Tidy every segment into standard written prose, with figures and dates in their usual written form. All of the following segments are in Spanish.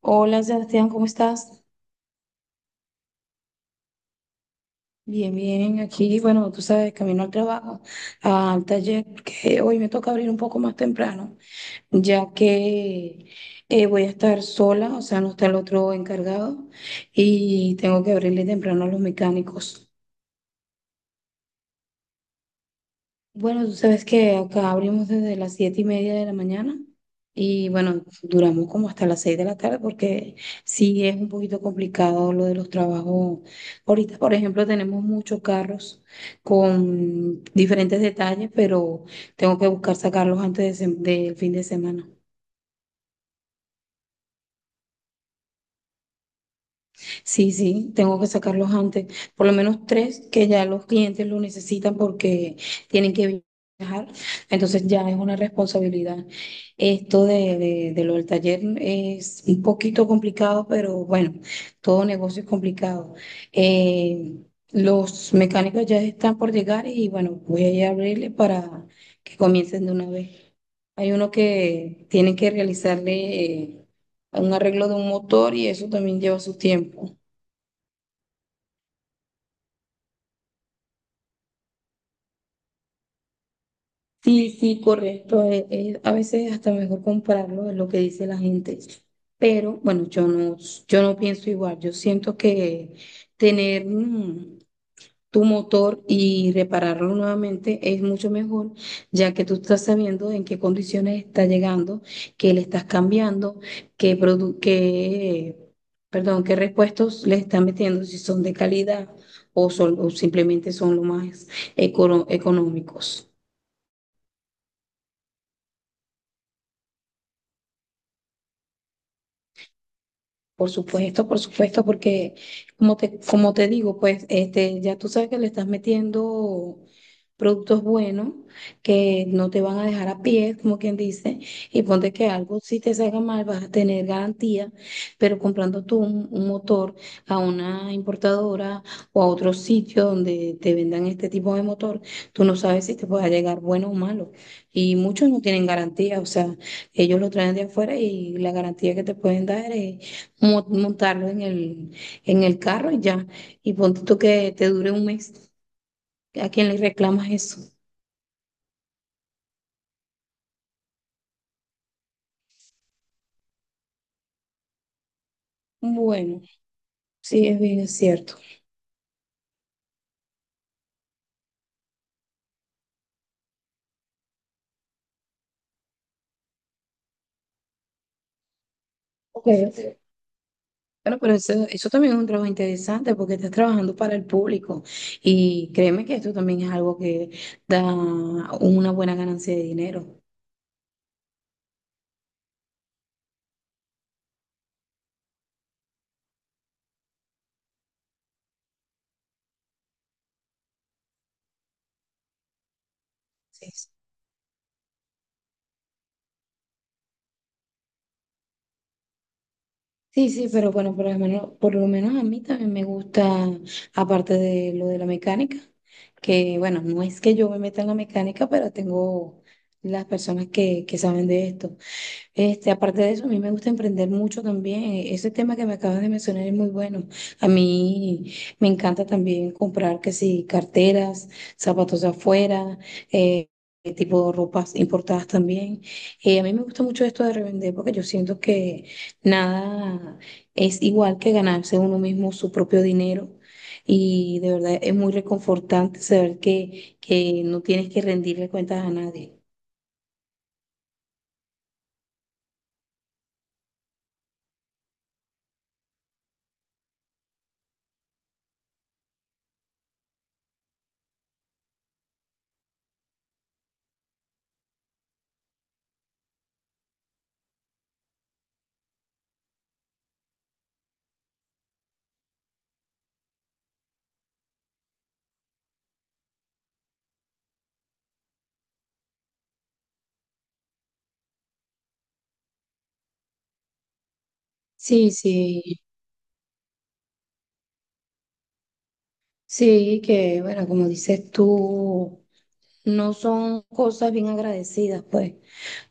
Hola Sebastián, ¿cómo estás? Bien, bien, aquí, bueno, tú sabes, camino al trabajo, al taller, que hoy me toca abrir un poco más temprano, ya que voy a estar sola, o sea, no está el otro encargado y tengo que abrirle temprano a los mecánicos. Bueno, tú sabes que acá abrimos desde las 7:30 de la mañana y bueno, duramos como hasta las 6 de la tarde porque sí es un poquito complicado lo de los trabajos. Ahorita, por ejemplo, tenemos muchos carros con diferentes detalles, pero tengo que buscar sacarlos antes de del fin de semana. Sí, sí, tengo que sacarlos antes, por lo menos tres que ya los clientes lo necesitan porque tienen que viajar, entonces ya es una responsabilidad. Esto de lo del taller es un poquito complicado, pero bueno, todo negocio es complicado. Eh, los mecánicos ya están por llegar y bueno, voy a ir a abrirle para que comiencen de una vez. Hay uno que tiene que realizarle un arreglo de un motor y eso también lleva su tiempo. Sí, sí, correcto. A veces hasta mejor compararlo es lo que dice la gente. Pero bueno, yo no pienso igual. Yo siento que tener tu motor y repararlo nuevamente es mucho mejor, ya que tú estás sabiendo en qué condiciones está llegando, qué le estás cambiando, qué produ- qué, perdón, qué repuestos le estás metiendo, si son de calidad o, o simplemente son lo más económicos. Por supuesto, porque como te digo, pues este, ya tú sabes que le estás metiendo productos buenos que no te van a dejar a pie, como quien dice, y ponte que algo si te salga mal vas a tener garantía, pero comprando tú un motor a una importadora o a otro sitio donde te vendan este tipo de motor, tú no sabes si te pueda llegar bueno o malo. Y muchos no tienen garantía, o sea, ellos lo traen de afuera y la garantía que te pueden dar es montarlo en el carro y ya. Y ponte tú que te dure un mes. ¿A quién le reclamas eso? Bueno, sí, es cierto. Ok. Bueno, pero eso también es un trabajo interesante porque estás trabajando para el público y créeme que esto también es algo que da una buena ganancia de dinero. Sí. Sí. Sí, sí, pero bueno, por lo menos a mí también me gusta, aparte de lo de la mecánica, que bueno, no es que yo me meta en la mecánica, pero tengo las personas que saben de esto. Este, aparte de eso, a mí me gusta emprender mucho también. Ese tema que me acabas de mencionar es muy bueno. A mí me encanta también comprar, que sí, carteras, zapatos de afuera, eh, tipo ropas importadas también. A mí me gusta mucho esto de revender porque yo siento que nada es igual que ganarse uno mismo su propio dinero. Y de verdad es muy reconfortante saber que no tienes que rendirle cuentas a nadie. Sí, sí. Sí, que bueno, como dices tú no son cosas bien agradecidas, pues.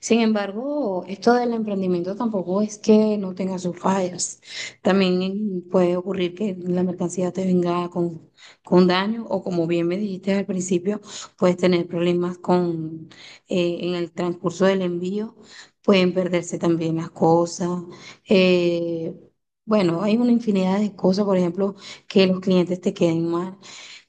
Sin embargo, esto del emprendimiento tampoco es que no tenga sus fallas. También puede ocurrir que la mercancía te venga con daño o como bien me dijiste al principio, puedes tener problemas con en el transcurso del envío, pueden perderse también las cosas. eh, bueno, hay una infinidad de cosas, por ejemplo, que los clientes te queden mal.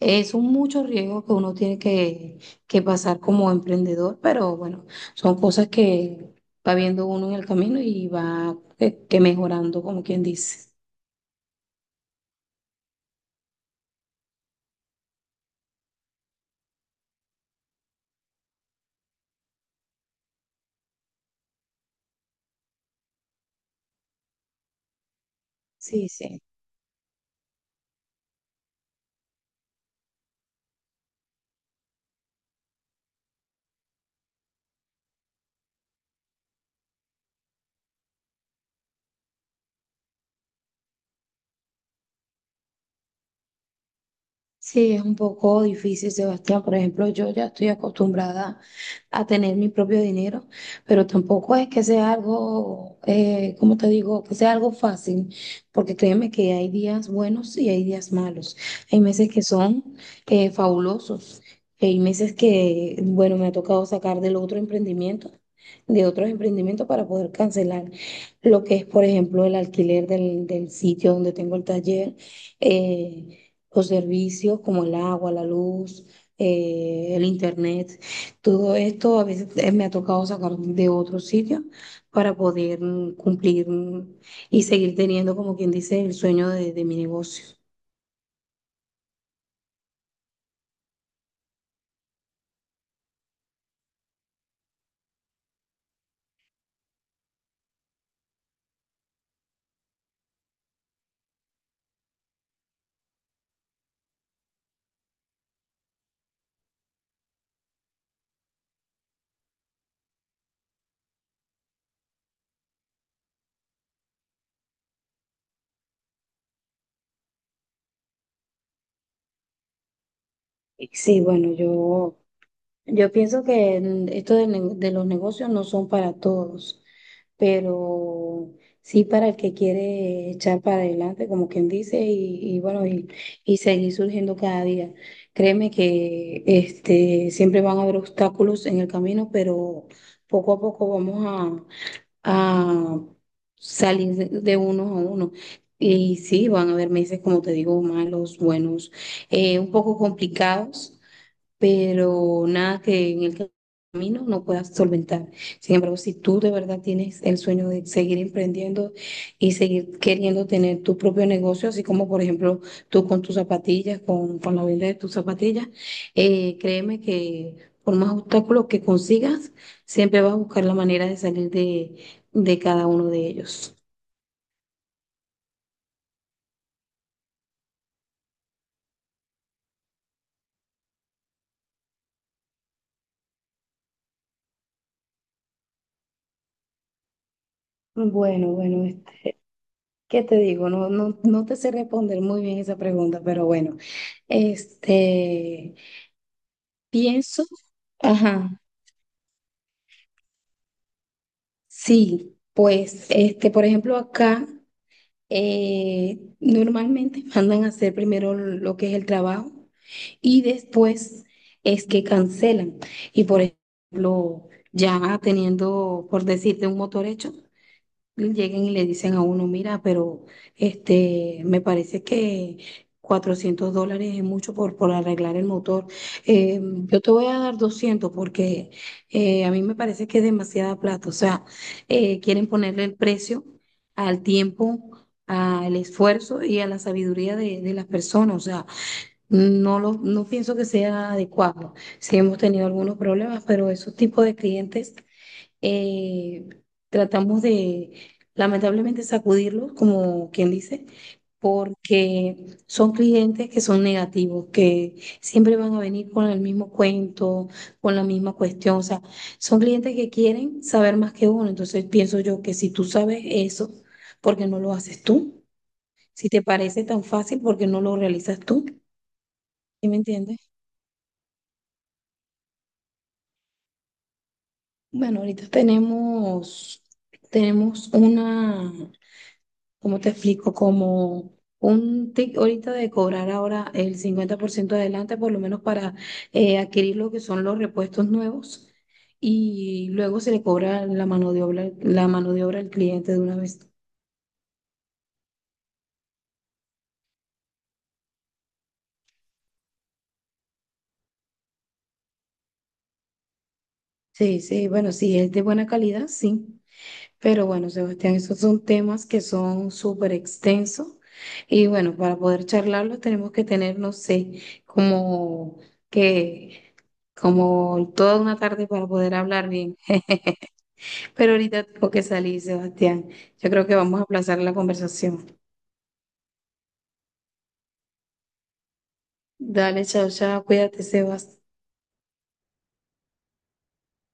Son muchos riesgos que uno tiene que pasar como emprendedor, pero bueno, son cosas que va viendo uno en el camino y va que mejorando, como quien dice. Sí, sí. Sí, es un poco difícil, Sebastián. Por ejemplo, yo ya estoy acostumbrada a tener mi propio dinero, pero tampoco es que sea algo, ¿cómo te digo? Que sea algo fácil, porque créeme que hay días buenos y hay días malos. Hay meses que son fabulosos, hay meses que, bueno, me ha tocado sacar del otro emprendimiento, de otros emprendimientos para poder cancelar lo que es, por ejemplo, el alquiler del sitio donde tengo el taller. eh, los servicios como el agua, la luz, el internet, todo esto a veces me ha tocado sacar de otro sitio para poder cumplir y seguir teniendo, como quien dice, el sueño de mi negocio. Sí, bueno, yo pienso que esto de los negocios no son para todos. Pero sí para el que quiere echar para adelante, como quien dice, y bueno, y seguir surgiendo cada día. Créeme que este, siempre van a haber obstáculos en el camino, pero poco a poco vamos a salir de unos a uno. Y sí, van a haber meses, como te digo, malos, buenos, un poco complicados, pero nada que en el camino no puedas solventar. Sin embargo, si tú de verdad tienes el sueño de seguir emprendiendo y seguir queriendo tener tu propio negocio, así como por ejemplo tú con tus zapatillas, con la venta de tus zapatillas, créeme que por más obstáculos que consigas, siempre vas a buscar la manera de salir de cada uno de ellos. Bueno, bueno, este, ¿qué te digo? No, no, no te sé responder muy bien esa pregunta, pero bueno, este, pienso, ajá. Sí, pues, este, por ejemplo, acá normalmente mandan a hacer primero lo que es el trabajo y después es que cancelan. Y por ejemplo, ya teniendo, por decirte, un motor hecho lleguen y le dicen a uno, mira, pero este, me parece que $400 es mucho por arreglar el motor. Eh, yo te voy a dar 200 porque a mí me parece que es demasiada plata. O sea, quieren ponerle el precio al tiempo, al esfuerzo y a la sabiduría de las personas. O sea, no pienso que sea adecuado. Sí hemos tenido algunos problemas, pero esos tipos de clientes eh, tratamos de, lamentablemente, sacudirlos, como quien dice, porque son clientes que son negativos, que siempre van a venir con el mismo cuento, con la misma cuestión. O sea, son clientes que quieren saber más que uno. Entonces, pienso yo que si tú sabes eso, ¿por qué no lo haces tú? Si te parece tan fácil, ¿por qué no lo realizas tú? ¿Sí me entiendes? Bueno, ahorita tenemos una... ¿Cómo te explico? Como un tic ahorita de cobrar ahora el 50% adelante, por lo menos para adquirir lo que son los repuestos nuevos, y luego se le cobra la mano de obra, la mano de obra al cliente de una vez. Sí, sí, bueno, sí, es de buena calidad, sí. Pero bueno, Sebastián, esos son temas que son súper extensos. Y bueno, para poder charlarlos tenemos que tener, no sé, como que, como toda una tarde para poder hablar bien. Pero ahorita tengo que salir, Sebastián. Yo creo que vamos a aplazar la conversación. Dale, chao, chao. Cuídate, Sebastián.